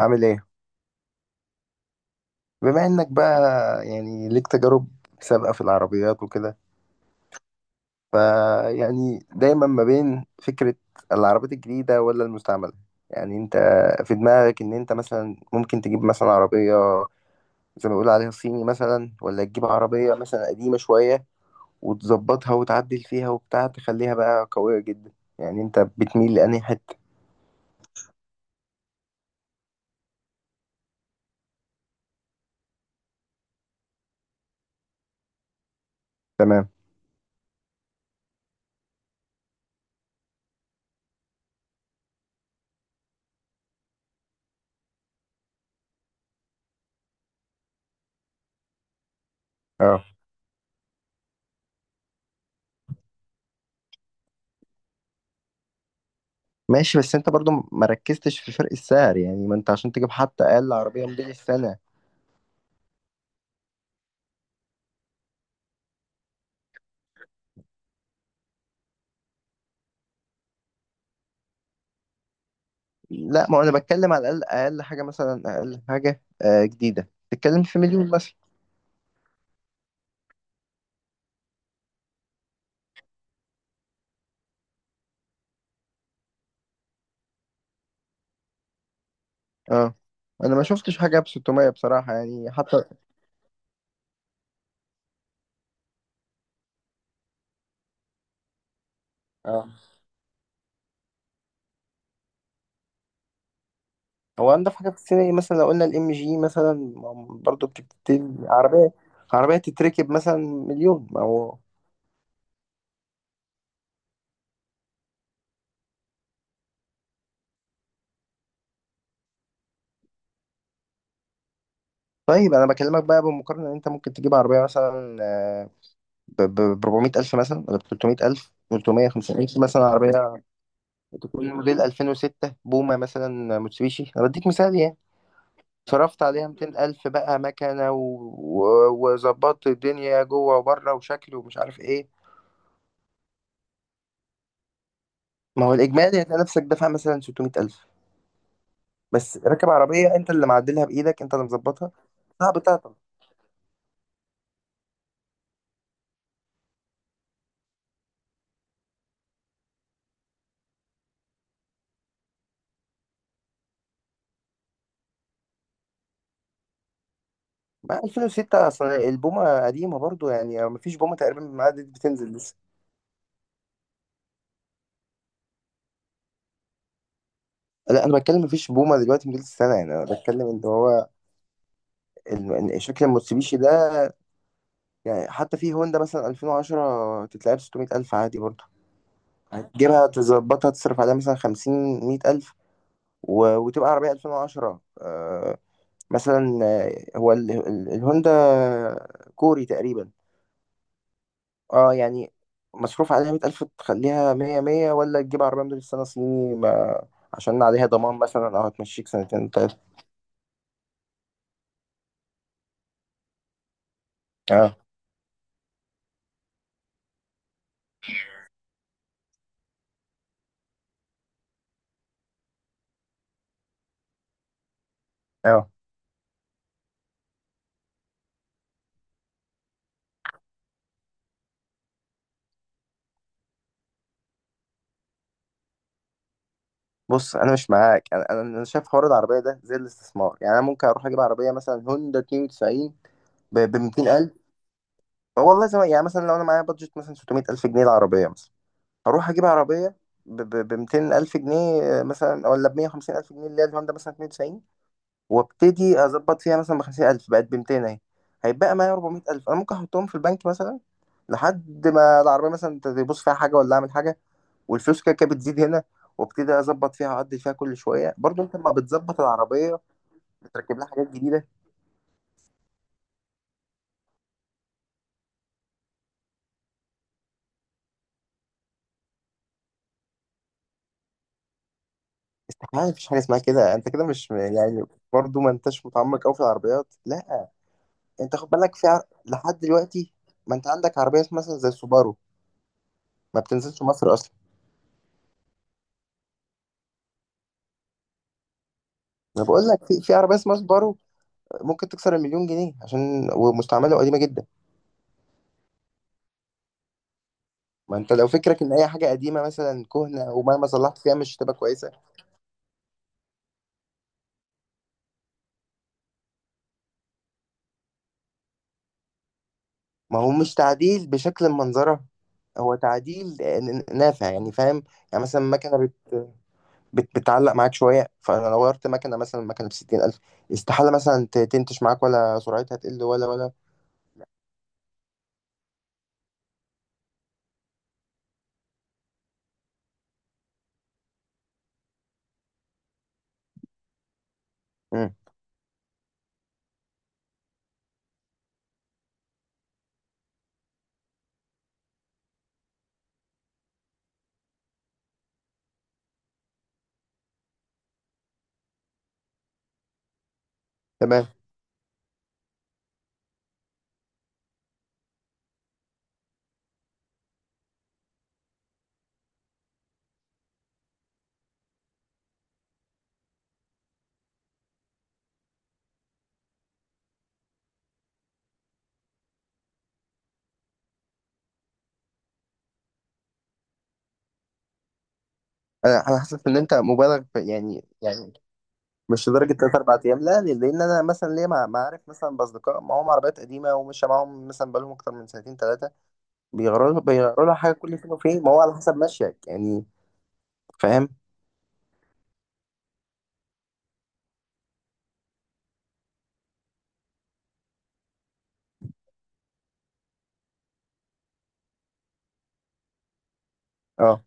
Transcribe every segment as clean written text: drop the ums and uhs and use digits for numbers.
عامل ايه؟ بما انك بقى يعني ليك تجارب سابقة في العربيات وكده، فيعني دايما ما بين فكرة العربيات الجديدة ولا المستعملة، يعني انت في دماغك ان انت مثلا ممكن تجيب مثلا عربية زي ما بيقولوا عليها صيني مثلا، ولا تجيب عربية مثلا قديمة شوية وتظبطها وتعدل فيها وبتاع تخليها بقى قوية جدا. يعني انت بتميل لأنهي حتة؟ تمام. اه. ماشي، بس انت برضو ما ركزتش في فرق السعر، يعني ما انت عشان تجيب حتى اقل عربية موديل السنة. لا، ما انا بتكلم على الاقل، اقل حاجه مثلا، اقل حاجه جديده تتكلم في مليون مثلا. اه. انا ما شفتش حاجه ب 600 بصراحه يعني حتى. اه، هو انضف حاجه في السينما إيه؟ مثلا لو قلنا الام جي مثلا برضو بتبتدي عربيه، عربيه تتركب مثلا مليون ما هو. طيب انا بكلمك بقى بمقارنه ان انت ممكن تجيب عربيه مثلا ب 400 الف مثلا، ولا ب 300 الف، 300، 500 مثلا، عربيه تكون موديل 2006 بومه مثلا، موتسوبيشي، انا بديك مثال يعني. صرفت عليها 200,000 بقى مكنة، وظبطت الدنيا جوه وبره وشكل ومش عارف ايه. ما هو الإجمالي هتلاقي نفسك دافع مثلا 600,000. بس راكب عربية أنت اللي معدلها بإيدك، أنت اللي مظبطها. صعب تعطل. ما 2006 أصل البومة قديمة برضو، يعني ما فيش بومة تقريبا معدت بتنزل لسه. لا، أنا بتكلم ما فيش بومة دلوقتي موديل السنة، يعني أنا بتكلم إن هو شكل الموتسوبيشي ده. يعني حتى في هوندا مثلا 2010 تتلعب 600,000 عادي برضو. هتجيبها تظبطها تصرف عليها مثلا خمسين، مية ألف، وتبقى عربية ألفين وعشرة مثلا هو الهوندا كوري تقريبا. اه يعني، مصروف عليها مية ألف تخليها مية مية، ولا تجيب عربية موديل السنة صيني ما... عشان عليها ضمان مثلا، أو هتمشيك سنتين تلاتة. اه اه. بص، أنا مش معاك، أنا شايف حوار العربية ده زي الاستثمار. يعني أنا ممكن أروح أجيب عربية مثلا هوندا 92 ب 200 ألف. والله زي ما يعني مثلا لو أنا معايا بادجت مثلا 600 ألف جنيه العربية مثلا، هروح اجيب عربيه ب 200 الف جنيه مثلا، ولا ب 150 الف جنيه، اللي هي الهوندا مثلا 92. وابتدي اظبط فيها مثلا ب 50 الف، بقت ب 200 اهي. هيبقى معايا 400 الف انا ممكن احطهم في البنك مثلا لحد ما العربيه مثلا تبص فيها حاجه ولا اعمل حاجه، والفلوس كده كده بتزيد هنا. وابتدي اظبط فيها اعدل فيها كل شويه، برضو انت لما بتظبط العربيه بتركب لها حاجات جديده. استحاله، مفيش حاجه اسمها كده، انت كده مش يعني، برضو ما انتش متعمق قوي في العربيات، لا. انت خد بالك في لحد دلوقتي ما انت عندك عربيه اسمها مثلا زي السوبارو ما بتنزلش مصر اصلا. انا بقول لك، في عربيه اسمها سوبارو ممكن تكسر المليون جنيه عشان ومستعمله قديمه جدا. ما انت لو فكرك ان اي حاجه قديمه مثلا كهنه او مهما صلحت فيها مش هتبقى كويسه. ما هو مش تعديل بشكل، منظرها هو تعديل نافع، يعني فاهم، يعني مثلا مكنه بتعلق معاك شويه، فانا لو غيرت مكنه مثلا، مكنه ب 60,000 استحاله مثلا تنتش معاك ولا سرعتها تقل ولا. مم. تمام. انا حاسس ان انت مبالغ في يعني، مش لدرجه ثلاث اربع ايام، لا. لان انا مثلا ليا معارف مثلا، باصدقاء معاهم عربيات قديمه، ومش معاهم مثلا بقالهم اكتر من سنتين ثلاثه، بيغيروا لها حاجه كل فين وفين، ما هو على حسب ماشيك يعني. فاهم. اه.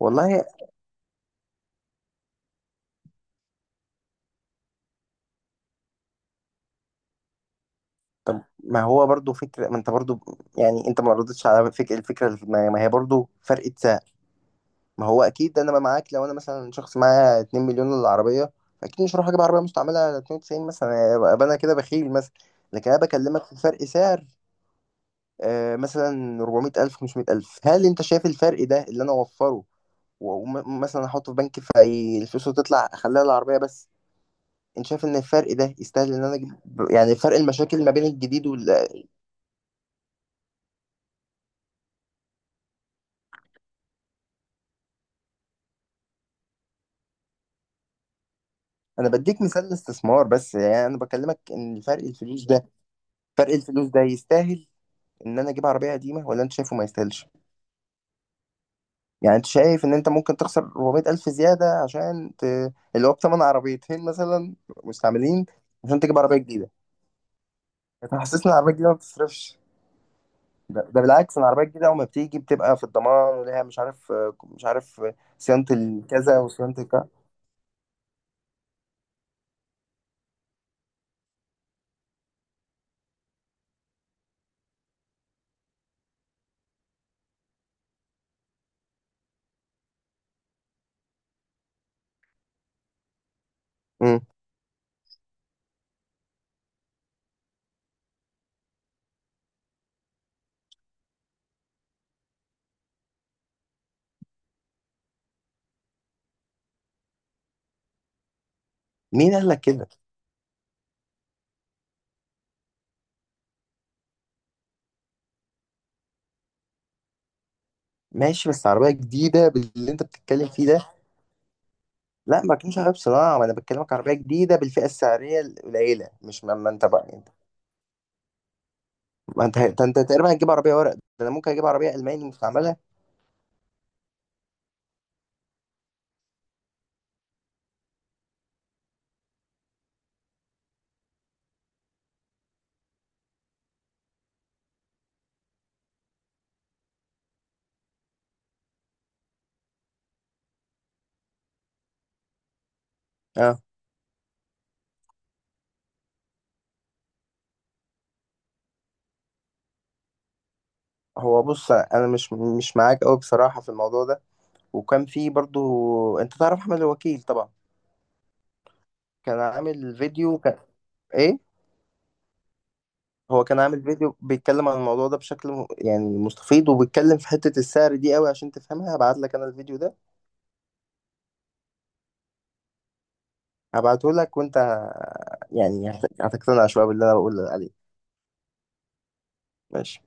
والله. طب ما هو برضو فكره، ما انت برضو يعني، انت ما ردتش على فكره، الفكره اللي في دماغي ما هي برضو فرقه. ما هو اكيد انا بقى معاك لو انا مثلا شخص معايا 2 مليون للعربيه، اكيد مش هروح اجيب عربيه مستعمله على 92 مثلا، ابقى انا كده بخيل مثلا. لكن انا بكلمك في فرق سعر مثلا 400,000، 500,000، هل انت شايف الفرق ده اللي انا اوفره ومثلا احطه في بنك، فالفلوس تطلع، اخليها العربيه بس. انت شايف ان الفرق ده يستاهل ان انا اجيب، يعني فرق المشاكل ما بين الجديد وال... انا بديك مثال الاستثمار بس، يعني انا بكلمك ان فرق الفلوس ده يستاهل ان انا اجيب عربيه قديمه، ولا انت شايفه ما يستاهلش. يعني انت شايف ان انت ممكن تخسر 400 الف زياده عشان اللي هو بثمن عربيتين مثلا مستعملين عشان تجيب عربيه جديده. انت حاسسني العربيه الجديده ما بتصرفش؟ ده بالعكس، إن العربيه الجديده اول ما بتيجي بتبقى في الضمان وليها، مش عارف، مش عارف صيانه الكذا وصيانه الكذا. مم. مين قال لك كده؟ ماشي بس عربيه جديده باللي انت بتتكلم فيه ده، لا ما كانش عربيه صناعه، ما انا بكلمك عربيه جديده بالفئه السعريه القليله، مش ما انت بقى. ما انت ده انت تقريبا هتجيب عربيه ورق، ده انا ممكن اجيب عربيه الماني مستعمله. اه. هو بص انا مش معاك قوي بصراحه في الموضوع ده. وكان في برضو، انت تعرف احمد الوكيل طبعا، كان عامل فيديو كان، ايه. هو كان عامل فيديو بيتكلم عن الموضوع ده بشكل يعني مستفيض، وبيتكلم في حته السعر دي قوي عشان تفهمها، هبعت لك انا الفيديو ده، هبعته لك وانت يعني هتقتنع شويه باللي انا بقول عليه. ماشي.